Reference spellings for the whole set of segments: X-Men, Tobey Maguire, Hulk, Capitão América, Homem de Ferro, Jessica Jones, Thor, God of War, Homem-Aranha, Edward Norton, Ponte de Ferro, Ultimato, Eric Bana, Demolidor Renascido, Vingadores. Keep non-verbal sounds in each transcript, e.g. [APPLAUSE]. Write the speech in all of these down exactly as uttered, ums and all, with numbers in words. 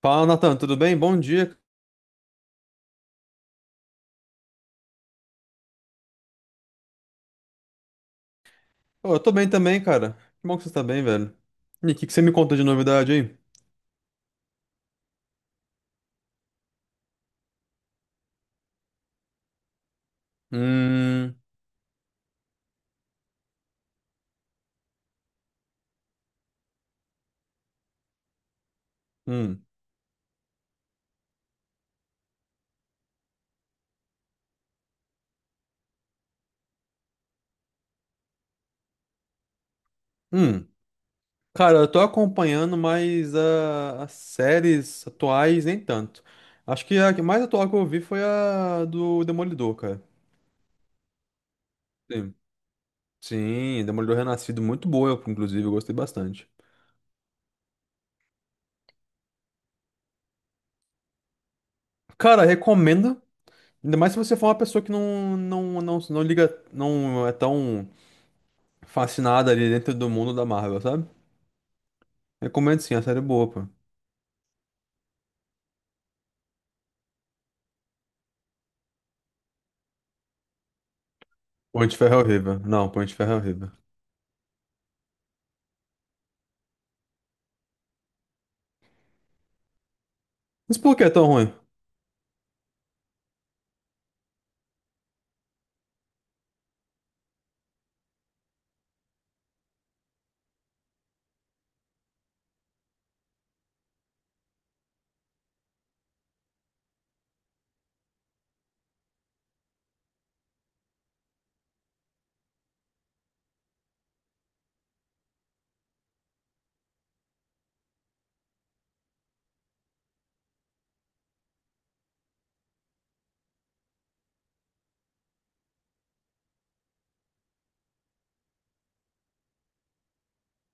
Fala, Nathan, tudo bem? Bom dia. Ô, eu tô bem também, cara. Que bom que você tá bem, velho. E o que que você me conta de novidade aí? Hum, hum, hum. Cara, eu tô acompanhando mais ah, as séries atuais, nem tanto. Acho que a que mais atual que eu vi foi a do Demolidor, cara. Sim, sim, Demolidor Renascido, muito boa, eu, inclusive, eu gostei bastante. Cara, recomendo. Ainda mais se você for uma pessoa que não, não, não, não liga, não é tão fascinada ali dentro do mundo da Marvel, sabe? Recomendo sim, a série é boa, pô. Ponte de Ferro é horrível. Não, Ponte de Ferro é horrível. Mas por que é tão ruim?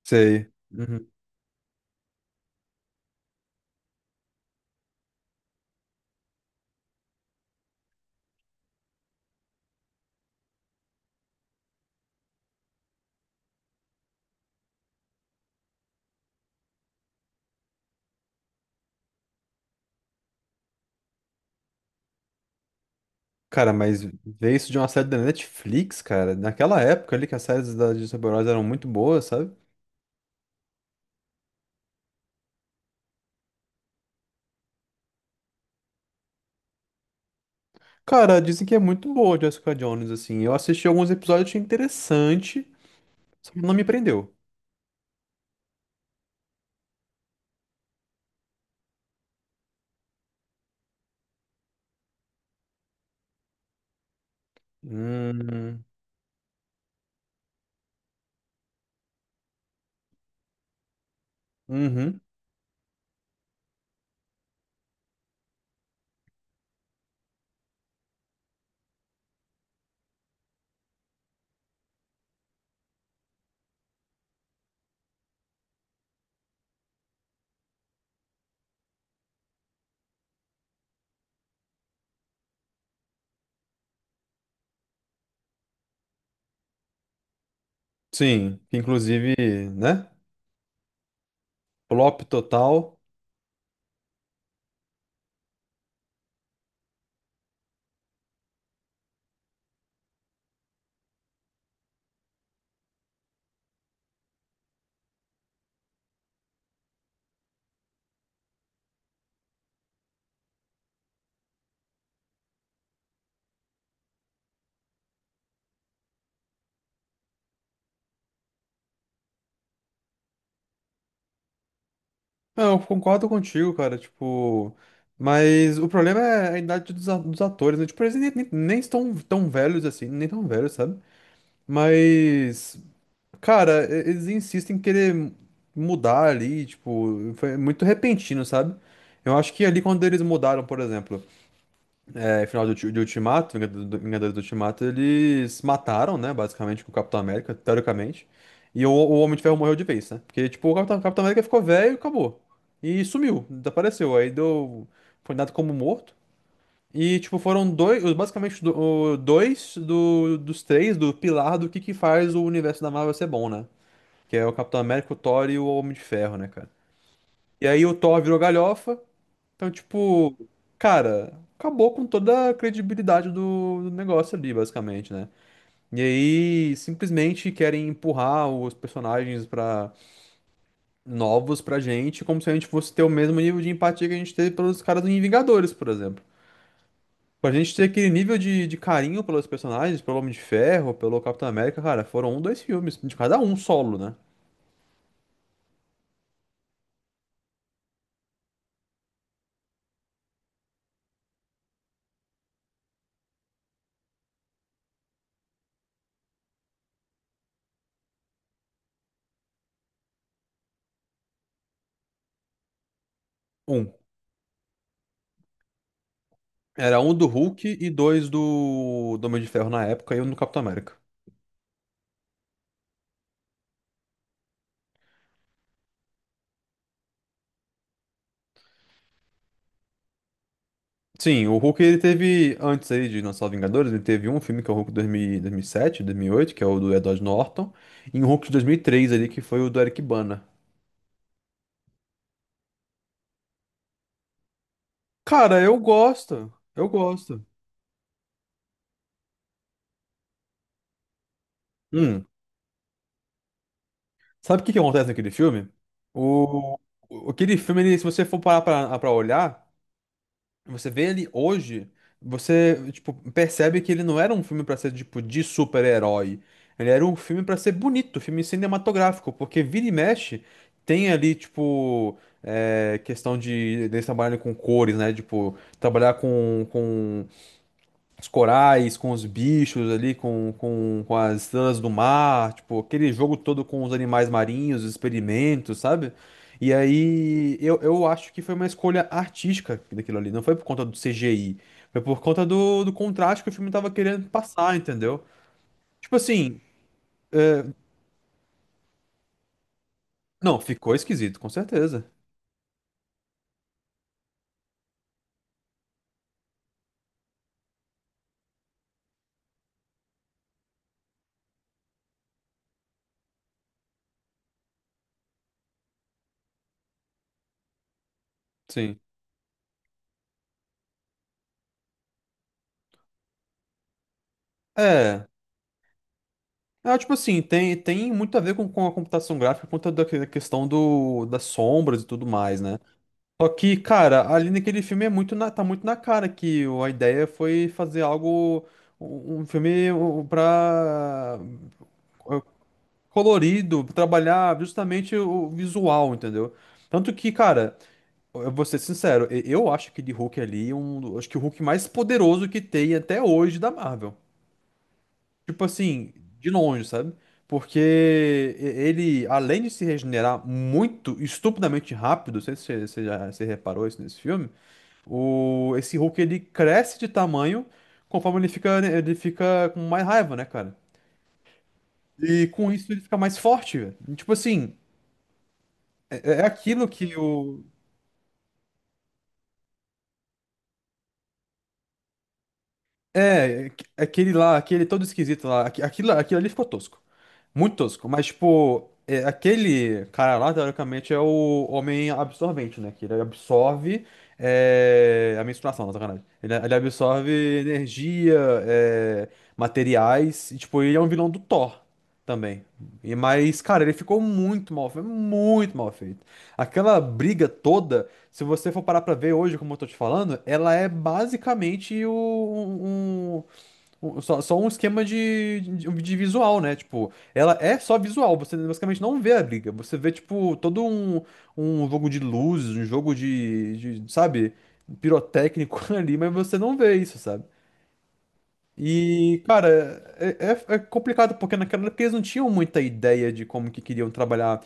Sei. Uhum. Cara, mas ver isso de uma série da Netflix, cara, naquela época ali que as séries da de super-heróis eram muito boas, sabe? Cara, dizem que é muito boa Jessica Jones, assim. Eu assisti alguns episódios, achei interessante, só que não me prendeu. Hum, uhum. Sim, que inclusive, né? Flop total. Não, eu concordo contigo, cara, tipo, mas o problema é a idade dos, a- dos atores, né? Tipo, eles nem, nem, nem estão tão velhos assim, nem tão velhos, sabe? Mas, cara, e- eles insistem em querer mudar ali, tipo, foi muito repentino, sabe? Eu acho que ali quando eles mudaram, por exemplo. É, final do, Ulti- de Ultimato, Vingado- do- Vingadores do Ultimato, eles mataram, né, basicamente, o Capitão América, teoricamente. E o, o Homem de Ferro morreu de vez, né? Porque, tipo, o Capitão, Capitão América ficou velho e acabou. E sumiu, desapareceu. Aí deu. Foi dado como morto. E, tipo, foram dois. os- Basicamente, do- o- dois do, dos três do pilar do que, que faz o universo da Marvel ser bom, né? Que é o Capitão América, o Thor e o Homem de Ferro, né, cara? E aí o Thor virou galhofa. Então, tipo, cara, acabou com toda a credibilidade do, do negócio ali, basicamente, né? E aí, simplesmente querem empurrar os personagens para novos pra gente, como se a gente fosse ter o mesmo nível de empatia que a gente teve pelos caras do Vingadores, por exemplo. Pra gente ter aquele nível de, de carinho pelos personagens, pelo Homem de Ferro, pelo Capitão América, cara, foram um, dois filmes, de cada um solo, né? Um. Era um do Hulk e dois do, do Homem de Ferro na época e um do Capitão América. Sim, o Hulk ele teve, antes aí de lançar os Vingadores, ele teve um filme que é o Hulk dois mil, dois mil e sete, dois mil e oito, que é o do Edward Norton, e um Hulk de dois mil e três ali, que foi o do Eric Bana. Cara, eu gosto, eu gosto. Hum, sabe o que que acontece naquele filme? O, o- Aquele filme, ele, se você for parar pra, pra olhar, você vê ele hoje, você, tipo, percebe que ele não era um filme pra ser, tipo, de super-herói. Ele era um filme pra ser bonito, filme cinematográfico, porque vira e mexe tem ali, tipo, é, questão de, deles trabalharem com cores, né? Tipo, trabalhar com, com os corais, com os bichos ali, com, com, com as estrelas do mar, tipo, aquele jogo todo com os animais marinhos, os experimentos, sabe? E aí eu, eu acho que foi uma escolha artística daquilo ali, não foi por conta do C G I, foi por conta do, do contraste que o filme tava querendo passar, entendeu? Tipo assim, não, ficou esquisito, com certeza. Sim. É. É, tipo assim, tem, tem muito a ver com, com a computação gráfica por conta da que- da questão do, das sombras e tudo mais, né? Só que, cara, ali naquele filme é muito na- tá muito na cara que o- a ideia foi fazer algo, um um filme um, pra eh, colorido, trabalhar justamente o o visual, entendeu? Tanto que, cara, eu vou ser sincero, e- eu acho que de Hulk ali, é um, do- acho que o Hulk mais poderoso que tem até hoje da Marvel. Tipo assim, de longe, sabe? Porque e- ele, além de se regenerar muito, estupidamente rápido, não sei se você você já se reparou isso nesse filme, o, esse Hulk ele cresce de tamanho conforme ele fica, né, ele fica com mais raiva, né, cara? E com isso ele fica mais forte, velho. Tipo assim, é, é aquilo que o, É, aqu- aquele lá, aquele todo esquisito lá, aqu- aquilo, aquilo ali ficou tosco. Muito tosco, mas tipo, é, aquele cara lá, teoricamente, é o homem absorvente, né? Que ele absorve é, a menstruação, não, sacanagem. Ele, ele absorve energia, é, materiais, e tipo, ele é um vilão do Thor também. E, mas, cara, ele ficou muito mal feito, muito mal feito. Aquela briga toda. Se você for parar pra ver hoje, como eu tô te falando, ela é basicamente o- um, um- um, só, só um esquema de, de, de visual, né? Tipo, ela é só visual, você basicamente não vê a briga. Você vê, tipo, todo um, um jogo de luzes, um jogo de, de, sabe, pirotécnico [LAUGHS] ali, mas você não vê isso, sabe? E, cara, é, é- é complicado, porque naquela época eles não tinham muita ideia de como que queriam trabalhar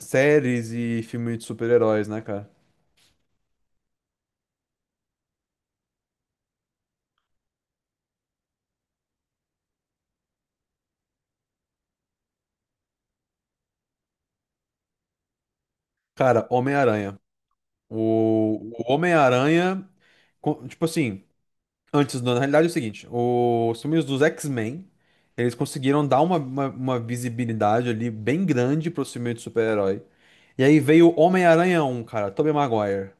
séries e filmes de super-heróis, né, cara? Cara, Homem-Aranha. O, o Homem-Aranha, co- tipo assim, antes, não, na realidade é o seguinte, os filmes dos X-Men, eles conseguiram dar uma, uma, uma visibilidade ali bem grande pro filme de super-herói. E aí veio o Homem-Aranha um, cara, Tobey Maguire.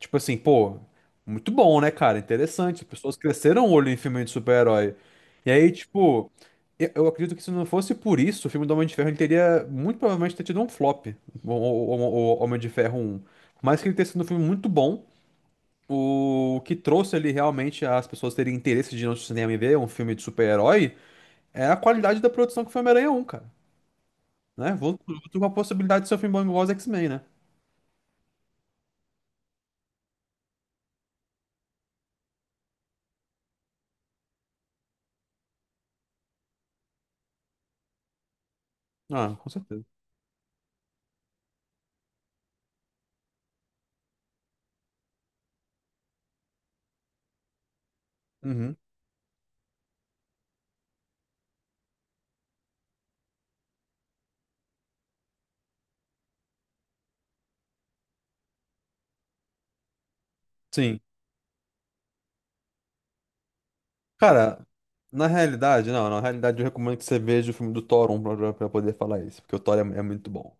Tipo assim, pô, muito bom, né, cara? Interessante, as pessoas cresceram o olho em filme de super-herói. E aí, tipo, eu, eu acredito que se não fosse por isso, o filme do Homem de Ferro ele teria, muito provavelmente, ter tido um flop, o, o, o- o Homem de Ferro um. Por mais que ele tenha sido um filme muito bom, o que trouxe ali realmente as pessoas terem interesse de ir no cinema e ver um filme de super-herói é a qualidade da produção que foi Homem-Aranha um, cara. Né? Vou, vou com a possibilidade de ser um filme bom igual os X-Men, né? Ah, com certeza. Uhum. Sim. Cara, na realidade, não, na realidade eu recomendo que você veja o filme do Thor um pra, pra- pra poder falar isso, porque o Thor é, é muito bom.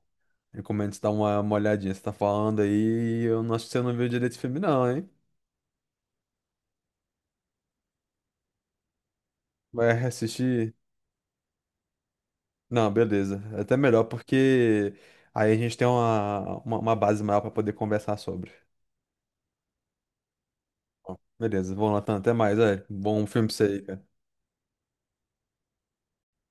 Recomendo você dar uma, uma olhadinha. Você tá falando aí, eu não acho que você não viu direito esse filme, não, hein? Vai assistir. Não, beleza. É. Até melhor, porque aí a gente tem uma, uma, uma base maior para poder conversar sobre. Bom, beleza, vamos lá, Tan. Até mais, é. Bom filme pra você aí, cara.